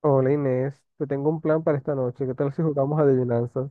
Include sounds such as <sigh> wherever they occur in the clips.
Hola Inés, te tengo un plan para esta noche. ¿Qué tal si jugamos adivinanzas?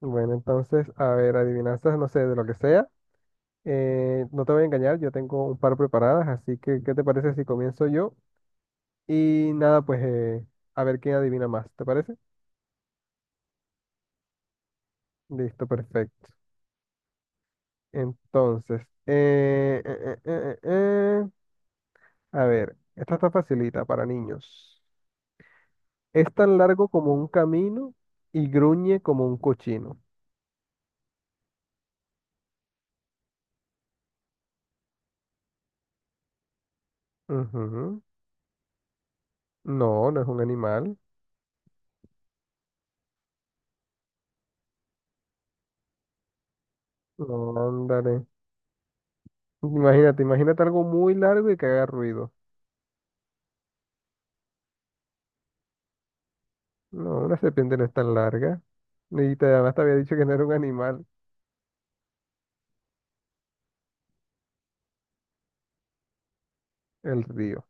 Bueno, entonces, a ver, adivinanzas, no sé, de lo que sea. No te voy a engañar, yo tengo un par preparadas, así que, ¿qué te parece si comienzo yo? Y nada, pues a ver quién adivina más, ¿te parece? Listo, perfecto. Entonces, a ver, esta está facilita para niños. Es tan largo como un camino y gruñe como un cochino. Ujú. No, no es un animal. No, ándale. Imagínate algo muy largo y que haga ruido. No, una serpiente no es tan larga. Y además te había dicho que no era un animal, el río.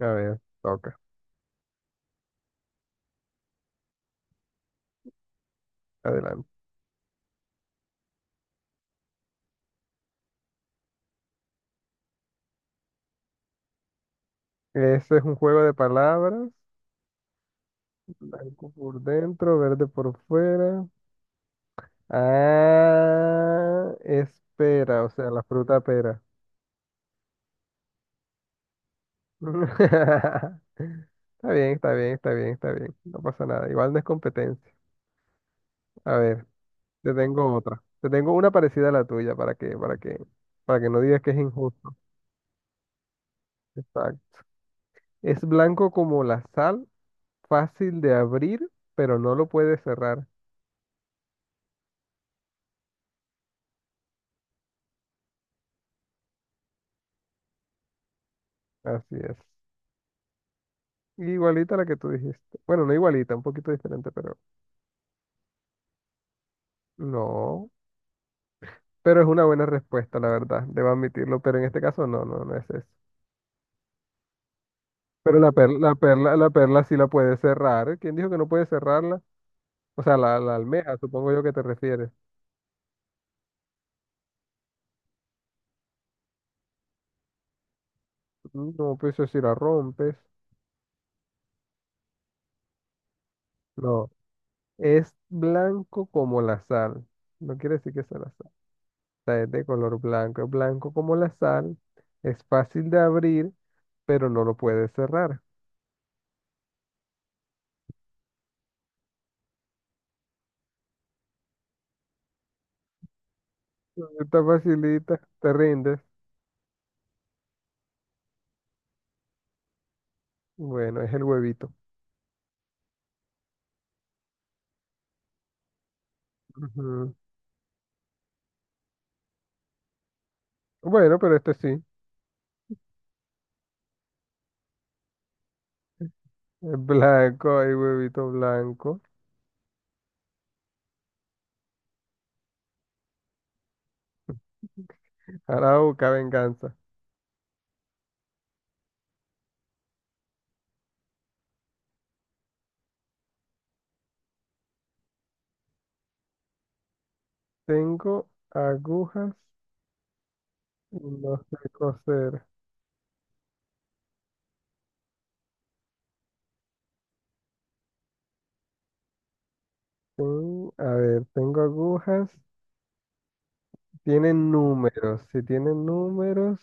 A ver, toca. Adelante. Ese es un juego de palabras. Blanco por dentro, verde por fuera. Ah, espera, o sea, la fruta pera. <laughs> Está bien, está bien, está bien, está bien. No pasa nada. Igual no es competencia. A ver. Te tengo otra. Te tengo una parecida a la tuya para que no digas que es injusto. Exacto. Es blanco como la sal, fácil de abrir, pero no lo puedes cerrar. Así es. Igualita a la que tú dijiste. Bueno, no igualita, un poquito diferente, pero no. Pero es una buena respuesta, la verdad. Debo admitirlo, pero en este caso no, no, no es eso. Pero la perla sí la puede cerrar. ¿Quién dijo que no puede cerrarla? O sea, la almeja, supongo yo que te refieres. No, pues eso si la rompes. No. Es blanco como la sal. No quiere decir que sea la sal. O sea, es de color blanco. Es blanco como la sal. Es fácil de abrir, pero no lo puedes cerrar. Está facilita. Te rindes. Bueno, es el huevito. Ujú. Bueno, pero este sí. Es blanco. Hay huevito blanco. Ahora busca venganza. Tengo agujas y no sé coser. A ver, tengo agujas. Tienen números. Si tienen números.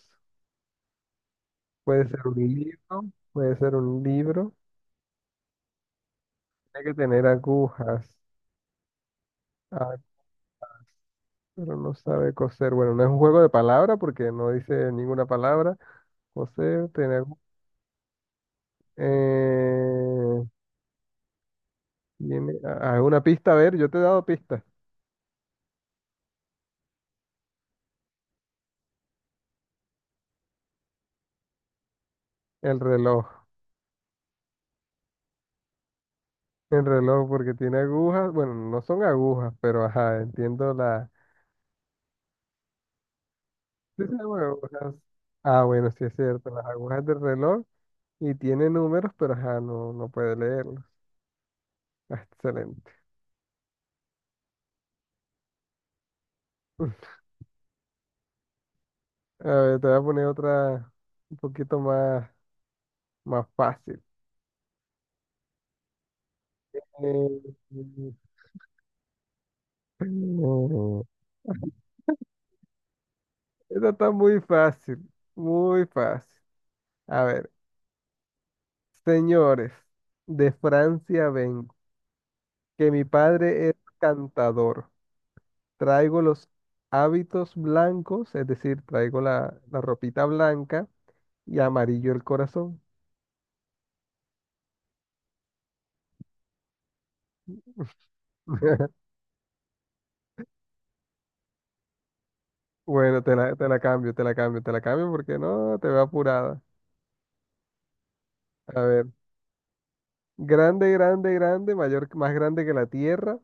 Puede ser un hilo, puede ser un libro. Tiene que tener agujas. Ah, pero no sabe coser. Bueno, no es un juego de palabras porque no dice ninguna palabra. Coser, tener... Eh, Tiene, una pista, a ver, yo te he dado pista. El reloj. El reloj porque tiene agujas. Bueno, no son agujas, pero ajá, entiendo la... sí, sí, bueno, bueno. Ah, bueno, sí es cierto. Las agujas del reloj y tiene números, pero ajá, no, no puede leerlos. Ah, excelente. A ver, te voy a poner otra un poquito más, más fácil. Eh, <laughs> esta está muy fácil, muy fácil. A ver, señores, de Francia vengo, que mi padre es cantador. Traigo los hábitos blancos, es decir, traigo la ropita blanca y amarillo el corazón. <laughs> Bueno, te la cambio porque no, te veo apurada. A ver. Grande, grande, grande, mayor, más grande que la tierra.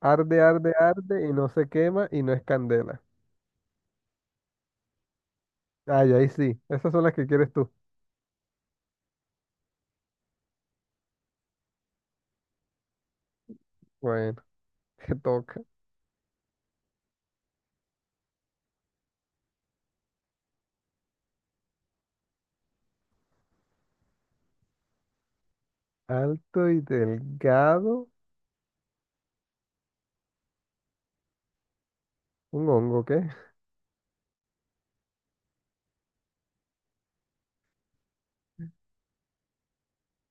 Arde, arde, arde y no se quema y no es candela. Ay, ahí sí. Esas son las que quieres tú. Bueno, <laughs> te toca. Alto y delgado. Un hongo, ¿qué?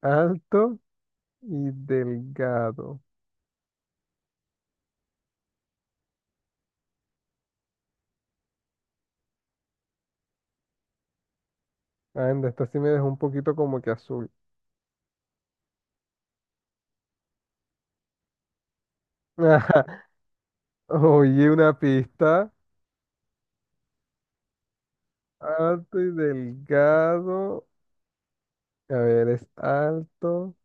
Alto y delgado. Anda, esta sí me dejó un poquito como que azul. <laughs> Oye, una pista. Alto y delgado. A ver, es alto.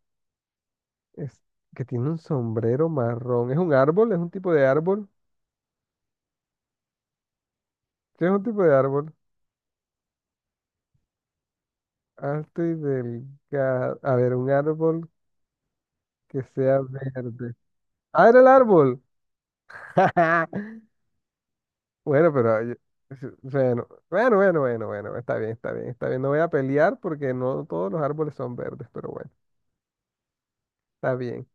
Es que tiene un sombrero marrón. ¿Es un árbol? ¿Es un tipo de árbol? ¿Qué es un tipo de árbol? Alto y delgado. A ver, un árbol que sea verde. ¡Ah, era el árbol! <laughs> Bueno, pero yo- bueno, bueno, bueno, bueno, bueno, está bien, está bien, está bien. No voy a pelear porque no todos los árboles son verdes, pero bueno, está bien.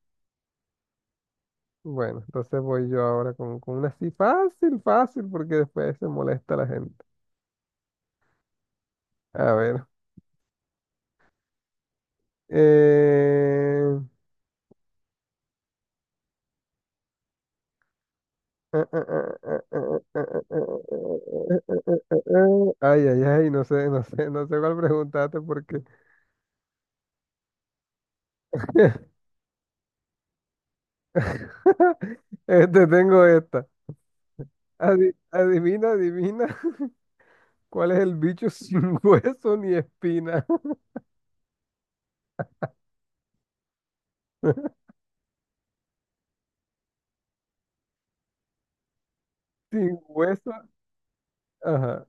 Bueno, entonces voy yo ahora con una así fácil, fácil, porque después se molesta la gente. A ver. eh, Ay, ay, ay, no sé cuál preguntaste porque <laughs> este tengo esta. Adivina cuál es el bicho sin <laughs> hueso ni espina. <laughs> Sin hueso, ajá.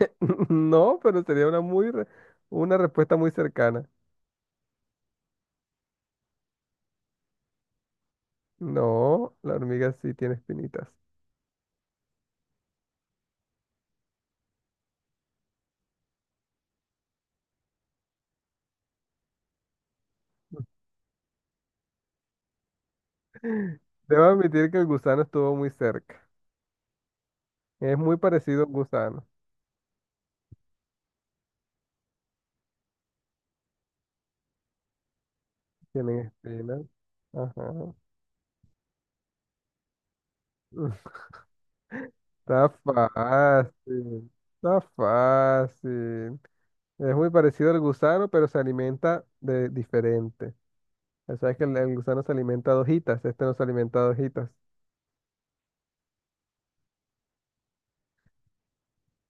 <laughs> No, pero sería una respuesta muy cercana. No, la hormiga sí tiene espinitas. Debo admitir que el gusano estuvo muy cerca. Es muy parecido a un gusano. Tienen espinas. Ajá. Está fácil, está fácil. Es muy parecido al gusano, pero se alimenta de diferente. O sea, que el gusano se alimenta de hojitas, este no se alimenta de hojitas.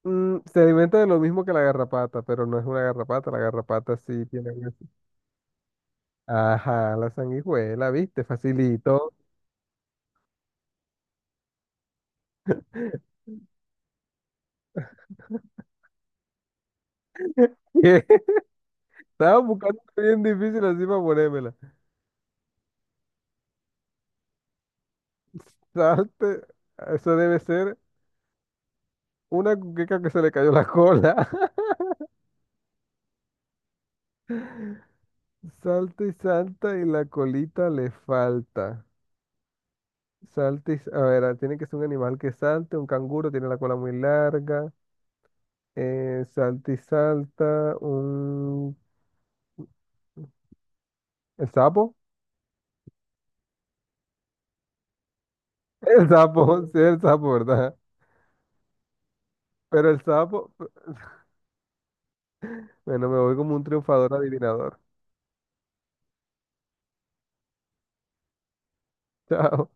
Mm, se alimenta de lo mismo que la garrapata, pero no es una garrapata, la garrapata sí tiene hueso. Ajá, la sanguijuela, ¿viste? Facilito. <laughs> Estaba buscando una bien difícil así para ponérmela. Salte, eso debe ser una cuqueca que se le cayó la cola. <laughs> Salta y salta y la colita le falta. Salta y... A ver, ah, tiene que ser un animal que salte, un canguro tiene la cola muy larga. Salta y salta, un... ¿El sapo? El sapo, <laughs> sí, el sapo, ¿verdad? Pero el sapo, bueno, me voy como un triunfador adivinador. <laughs> Chao.